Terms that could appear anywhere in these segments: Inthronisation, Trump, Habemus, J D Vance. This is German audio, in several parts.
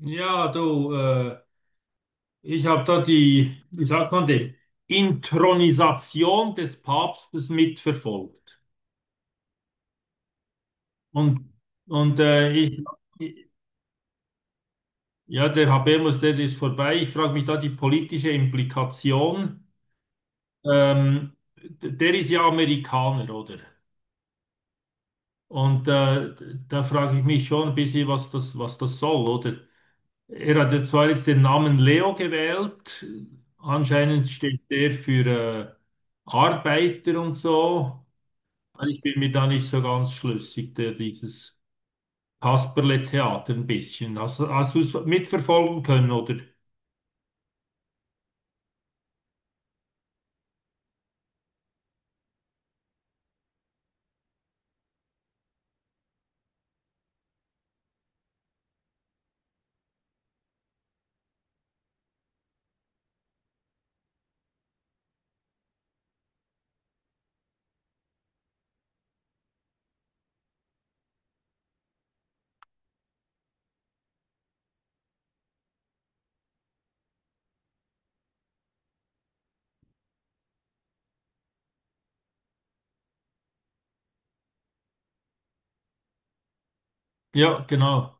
Ja, du, ich habe da die, wie sagt man dem, Inthronisation des Papstes mitverfolgt. Und, und äh, ich, ja, der Habemus, der ist vorbei. Ich frage mich da die politische Implikation. Der ist ja Amerikaner, oder? Und äh, Da frage ich mich schon ein bisschen, was das soll, oder? Er hat ja zwar jetzt den Namen Leo gewählt, anscheinend steht der für Arbeiter und so. Also ich bin mir da nicht so ganz schlüssig, der, dieses Kasperle-Theater ein bisschen. Hast du es mitverfolgen können, oder? Ja, genau.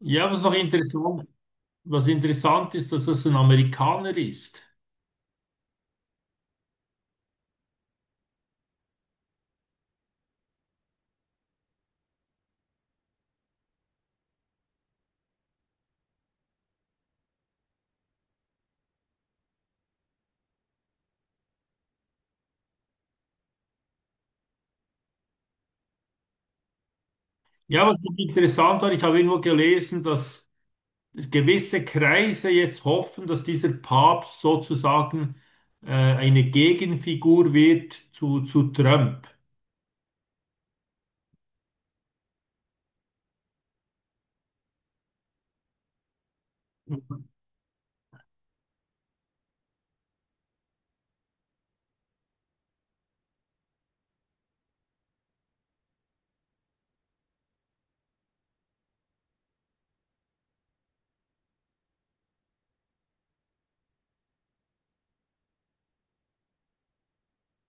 Ja, was noch interessant, Was interessant ist, dass das ein Amerikaner ist. Ja, was noch interessant war, ich habe irgendwo gelesen, dass gewisse Kreise jetzt hoffen, dass dieser Papst sozusagen eine Gegenfigur wird zu Trump.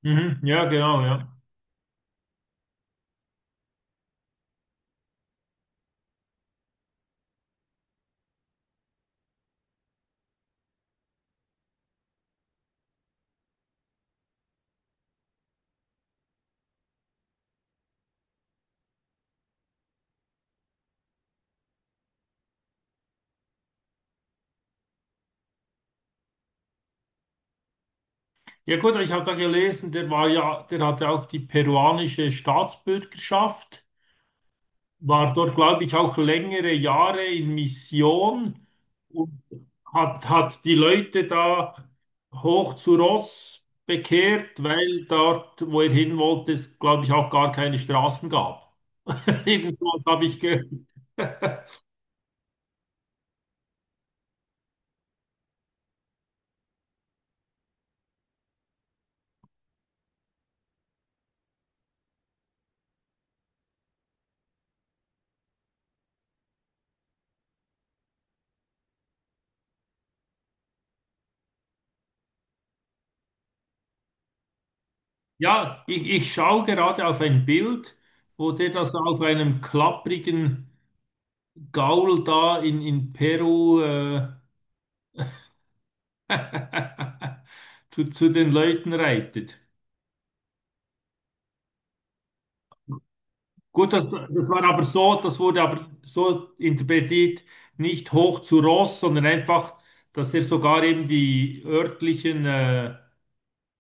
Mhm, ja, genau, ja. Ja gut, ich habe da gelesen, der hatte auch die peruanische Staatsbürgerschaft, war dort, glaube ich, auch längere Jahre in Mission und hat die Leute da hoch zu Ross bekehrt, weil dort, wo er hin wollte, es, glaube ich, auch gar keine Straßen gab. Jedenfalls habe ich gehört. Ich schaue gerade auf ein Bild, wo der das auf einem klapprigen Gaul da in Peru zu den Leuten reitet. Gut, das war aber so, das wurde aber so interpretiert, nicht hoch zu Ross, sondern einfach, dass er sogar eben die örtlichen äh,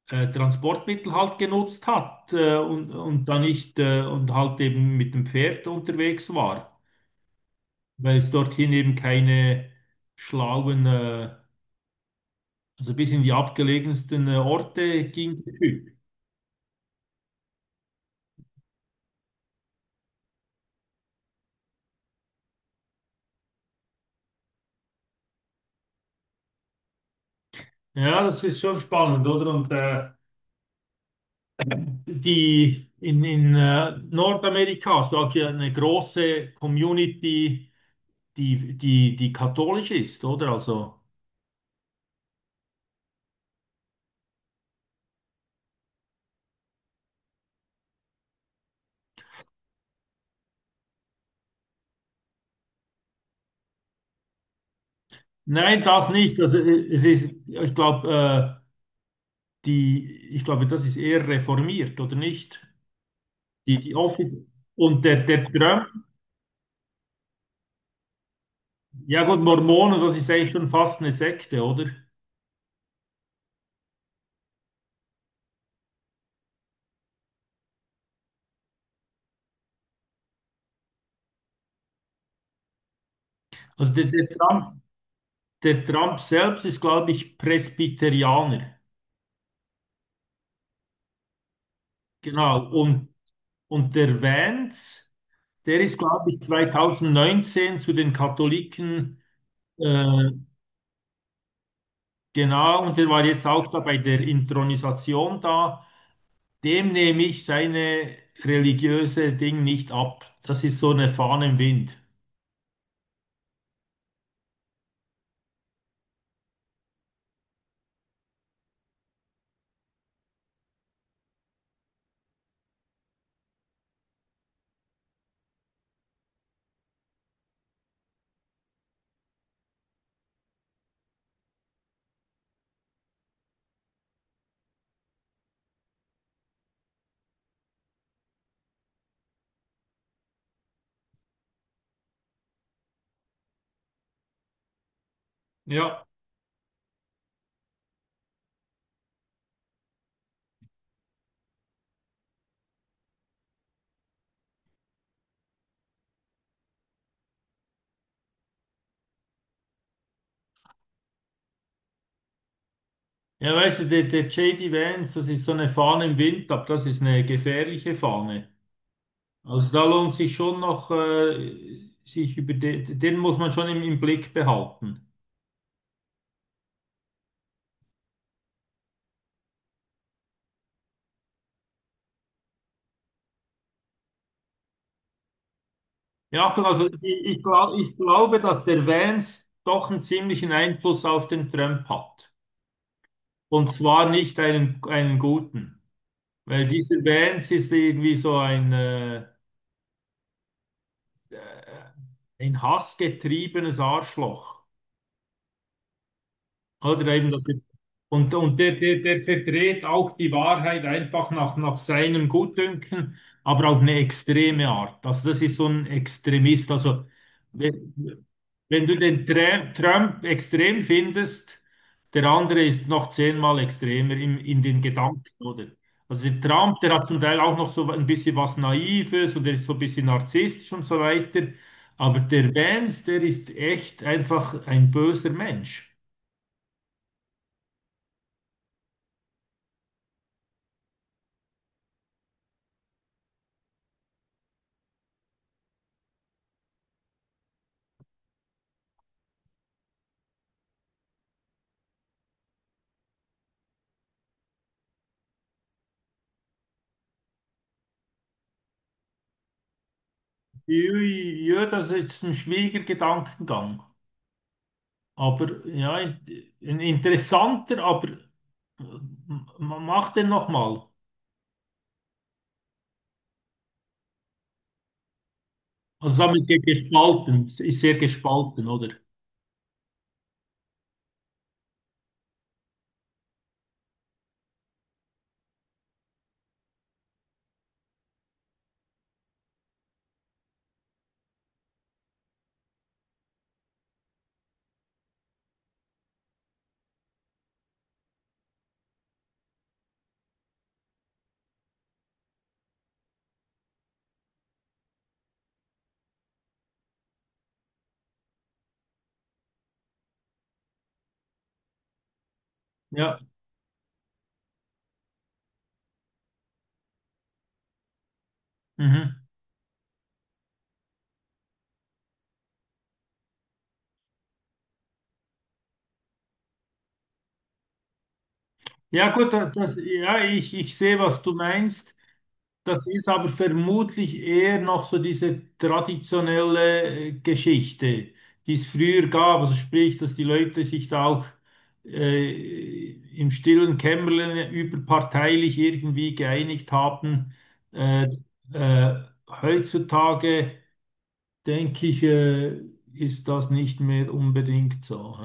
äh, Transportmittel halt genutzt hat und dann nicht und halt eben mit dem Pferd unterwegs war, weil es dorthin eben keine schlauen, also bis in die abgelegensten Orte ging. Der Typ. Ja, das ist schon spannend, oder? Die in Nordamerika hast du auch hier eine große Community, die katholisch ist, oder? Also nein, das nicht. Also, es ist, ich glaube, ich glaube, das ist eher reformiert, oder nicht? Die, die Offi- und der, der Trump, Ja gut, Mormonen, das ist eigentlich schon fast eine Sekte, oder? Also der, der Trump, Der Trump selbst ist, glaube ich, Presbyterianer. Genau. Und der Vance, der ist, glaube ich, 2019 zu den Katholiken, äh, genau, und der war jetzt auch da bei der Inthronisation da. Dem nehme ich seine religiöse Ding nicht ab. Das ist so eine Fahne im Wind. Ja. Weißt du, der J D Vance, das ist so eine Fahne im Wind, aber das ist eine gefährliche Fahne. Also da lohnt sich schon noch, sich über den, den muss man schon im Blick behalten. Ich glaube, dass der Vance doch einen ziemlichen Einfluss auf den Trump hat. Und zwar nicht einen guten. Weil dieser Vance ist irgendwie so ein, ein hassgetriebenes Arschloch. Oder eben, dass er, der verdreht auch die Wahrheit einfach nach seinem Gutdünken, aber auf eine extreme Art. Also das ist so ein Extremist. Also wenn, wenn du den Trump extrem findest, der andere ist noch 10-mal extremer im, in den Gedanken, oder? Also der Trump, der hat zum Teil auch noch so ein bisschen was Naives und er ist so ein bisschen narzisstisch und so weiter. Aber der Vance, der ist echt einfach ein böser Mensch. Ja, ja, das ist jetzt ein schwieriger Gedankengang. Aber ja, ein interessanter, aber mach den nochmal. Also damit gespalten, ist sehr gespalten, oder? Ja. Mhm. Ja, gut, ich sehe, was du meinst. Das ist aber vermutlich eher noch so diese traditionelle Geschichte, die es früher gab. Also sprich, dass die Leute sich da auch äh, im stillen Kämmerlein überparteilich irgendwie geeinigt haben. Äh, äh, Heutzutage denke ich, ist das nicht mehr unbedingt so.